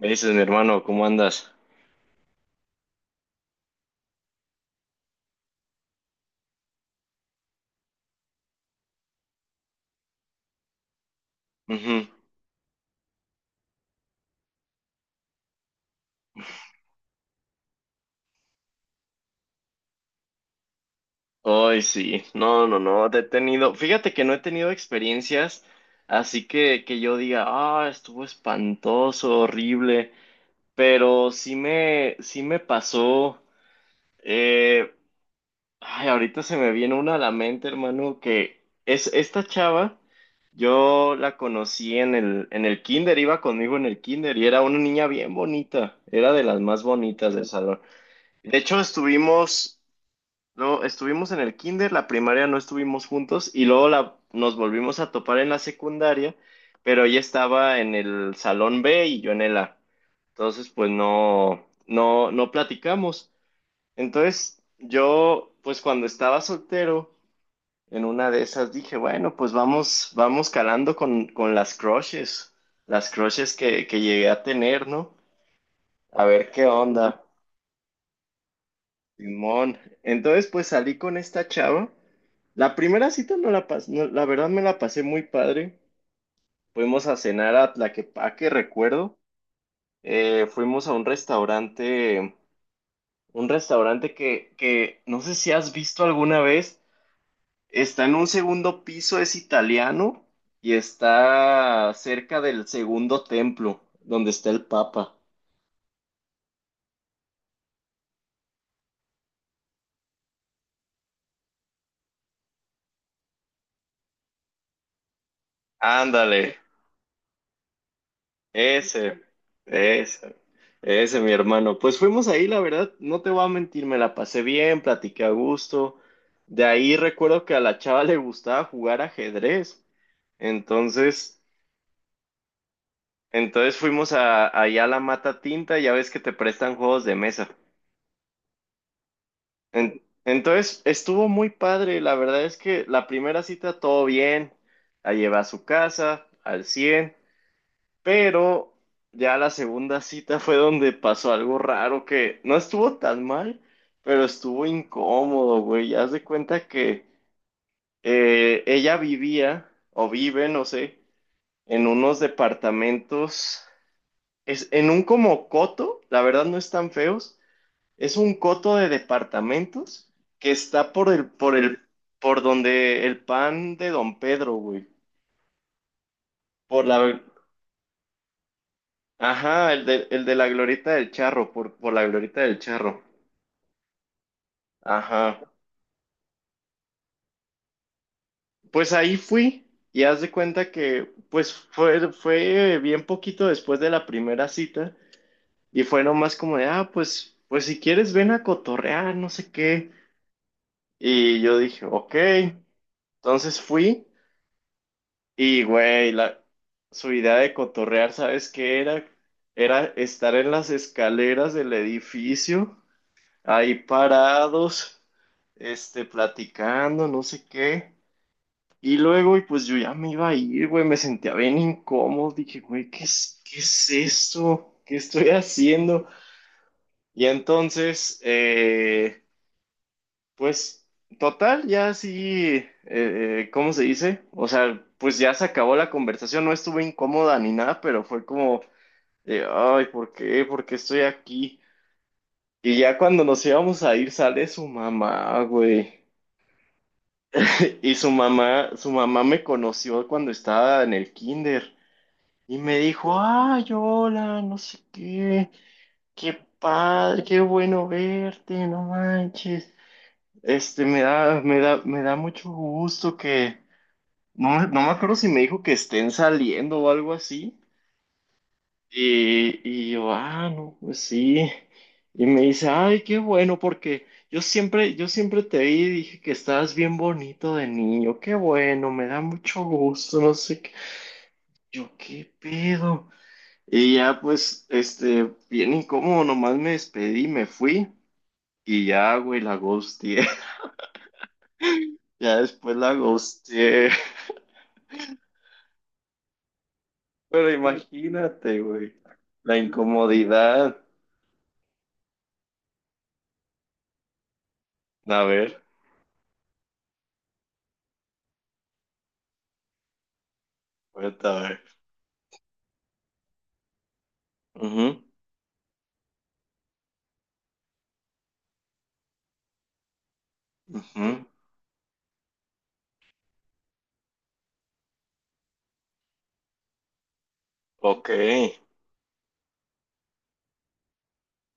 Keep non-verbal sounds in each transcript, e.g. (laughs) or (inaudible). Me dices, mi hermano, ¿cómo andas? Ujú. Ay, sí. No, no, no. Te he tenido. Fíjate que no he tenido experiencias así que yo diga, ah, estuvo espantoso, horrible. Pero sí me pasó. eh, Ay, ahorita se me viene una a la mente, hermano, que es esta chava. Yo la conocí en el kinder, iba conmigo en el kinder y era una niña bien bonita, era de las más bonitas del salón. De hecho, estuvimos No, estuvimos en el kinder, la primaria no estuvimos juntos y luego nos volvimos a topar en la secundaria, pero ella estaba en el salón B y yo en el A. Entonces, pues no platicamos. Entonces, yo, pues cuando estaba soltero, en una de esas dije, bueno, pues vamos calando con las crushes, las crushes que llegué a tener, ¿no? A ver qué onda. Simón. Entonces, pues salí con esta chava. La primera cita no la pasé, la verdad me la pasé muy padre. Fuimos a cenar a Tlaquepaque, recuerdo. Fuimos a un restaurante, un restaurante que no sé si has visto alguna vez. Está en un segundo piso, es italiano y está cerca del segundo templo, donde está el Papa. Ándale. Ese, ese, Ese, mi hermano. Pues fuimos ahí, la verdad, no te voy a mentir, me la pasé bien, platiqué a gusto. De ahí recuerdo que a la chava le gustaba jugar ajedrez. Entonces, entonces fuimos allá a la Mata Tinta, ya ves que te prestan juegos de mesa. Entonces, estuvo muy padre, la verdad es que la primera cita todo bien, la llevé a su casa, al 100. Pero ya la segunda cita fue donde pasó algo raro que no estuvo tan mal, pero estuvo incómodo, güey. Haz de cuenta que ella vivía, o vive, no sé, en unos departamentos, es, en un como coto, la verdad no están feos, es un coto de departamentos que está por donde el pan de Don Pedro, güey. Por la, Ajá, el de la Glorieta del Charro, por la Glorieta del Charro. Ajá. Pues ahí fui y haz de cuenta que pues fue bien poquito después de la primera cita y fue nomás como de, ah, pues si quieres ven a cotorrear, no sé qué. Y yo dije, ok. Entonces fui y, güey, su idea de cotorrear, ¿sabes qué era? Era estar en las escaleras del edificio ahí parados, este, platicando, no sé qué. Y luego, y pues yo ya me iba a ir, güey, me sentía bien incómodo, dije, güey, qué es esto? ¿Qué estoy haciendo? Y entonces, pues, total, ya sí, ¿cómo se dice? O sea, pues ya se acabó la conversación, no estuve incómoda ni nada, pero fue como, de, ay, ¿por qué? ¿Por qué estoy aquí? Y ya cuando nos íbamos a ir, sale su mamá, güey. (laughs) Y su mamá me conoció cuando estaba en el kinder y me dijo, ay, hola, no sé qué, qué padre, qué bueno verte, no manches. Este, me da mucho gusto que, no, no me acuerdo si me dijo que estén saliendo o algo así, y yo, ah, no, pues sí. Y me dice, ay, qué bueno, porque yo siempre te vi y dije que estabas bien bonito de niño, qué bueno, me da mucho gusto, no sé qué. Yo, qué pedo. Y ya, pues, este, bien incómodo, nomás me despedí, me fui y ya, güey, la ghosteé. (laughs) Ya después la ghosteé. (laughs) Pero imagínate, güey, la incomodidad. A ver, ahorita a ver. Ujú, ujú. Ok.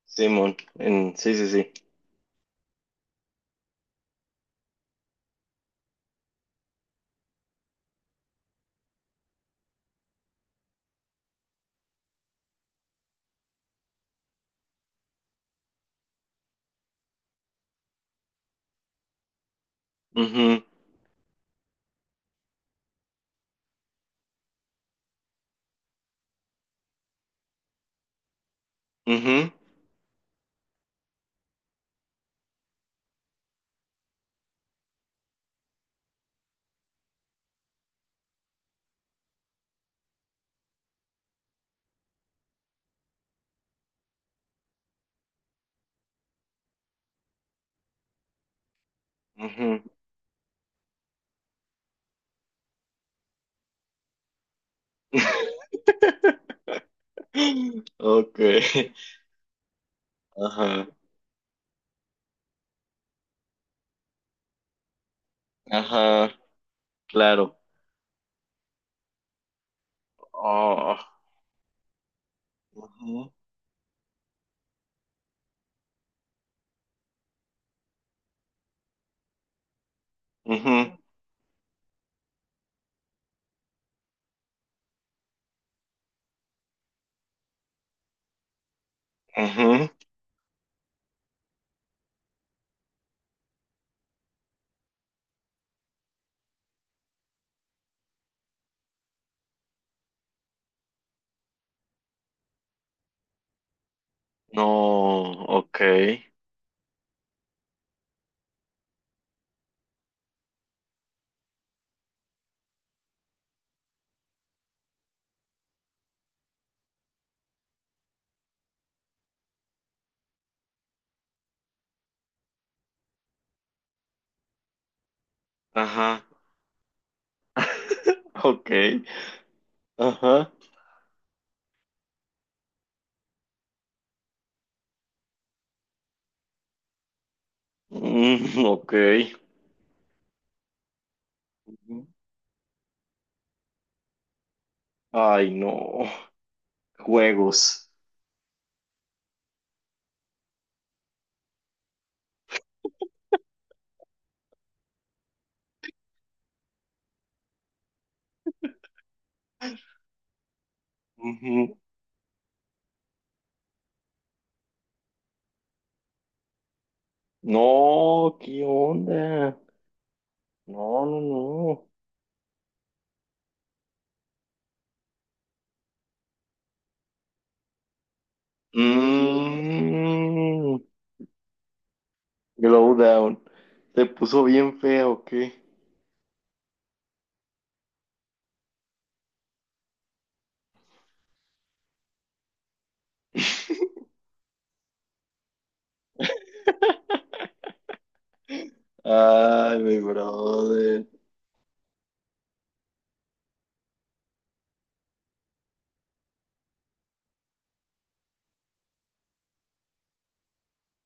Simón, sí, sí, sí. Ujú, ujú, ujú. (laughs) Ok, ajá, ajá, claro. Oh, ujú, ujú, ujú. No, ok, ajá, ok, ajá, mm, ok. Ujú. Ay, no, juegos. Ujú. No, ¿qué onda? No, no, no. Mm, Glowdown. ¿Te puso bien fea o qué? Ay, mi brother.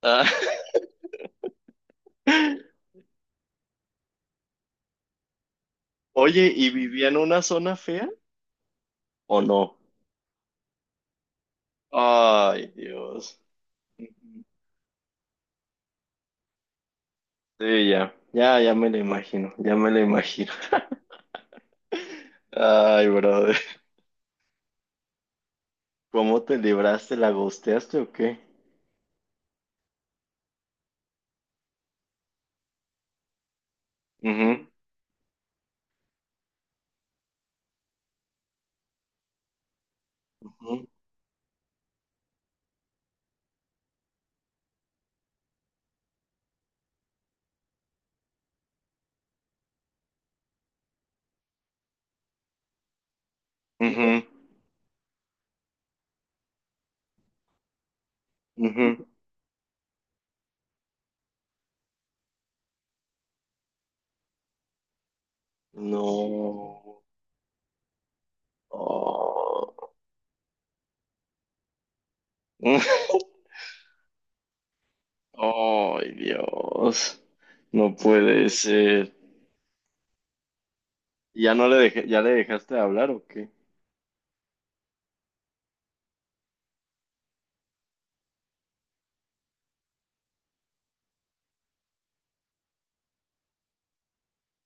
Ah, (laughs) Oye, ¿y vivía en una zona fea o no? Ay, Dios. Sí, ya. Ya, ya me lo imagino. Ya me lo imagino. (laughs) Ay, brother. ¿Cómo te libraste? ¿La gosteaste o qué? Ujú, ujú, ujú, ujú. No. Oh. (laughs) Ay, Dios. No puede ser. ¿Ya no le dejé, ya le dejaste de hablar o qué?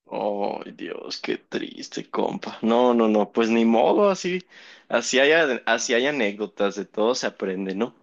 Ay, Dios, qué triste, compa. No, no, no, pues ni modo, así así hay anécdotas, de todo se aprende, ¿no?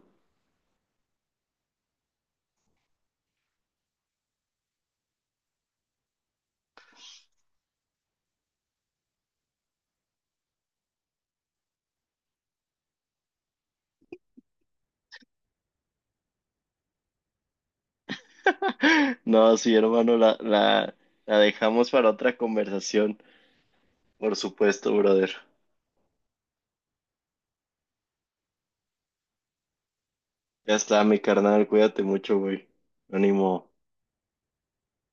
(laughs) No, sí, hermano, la dejamos para otra conversación, por supuesto, brother. Ya está, mi carnal, cuídate mucho, güey. Ánimo.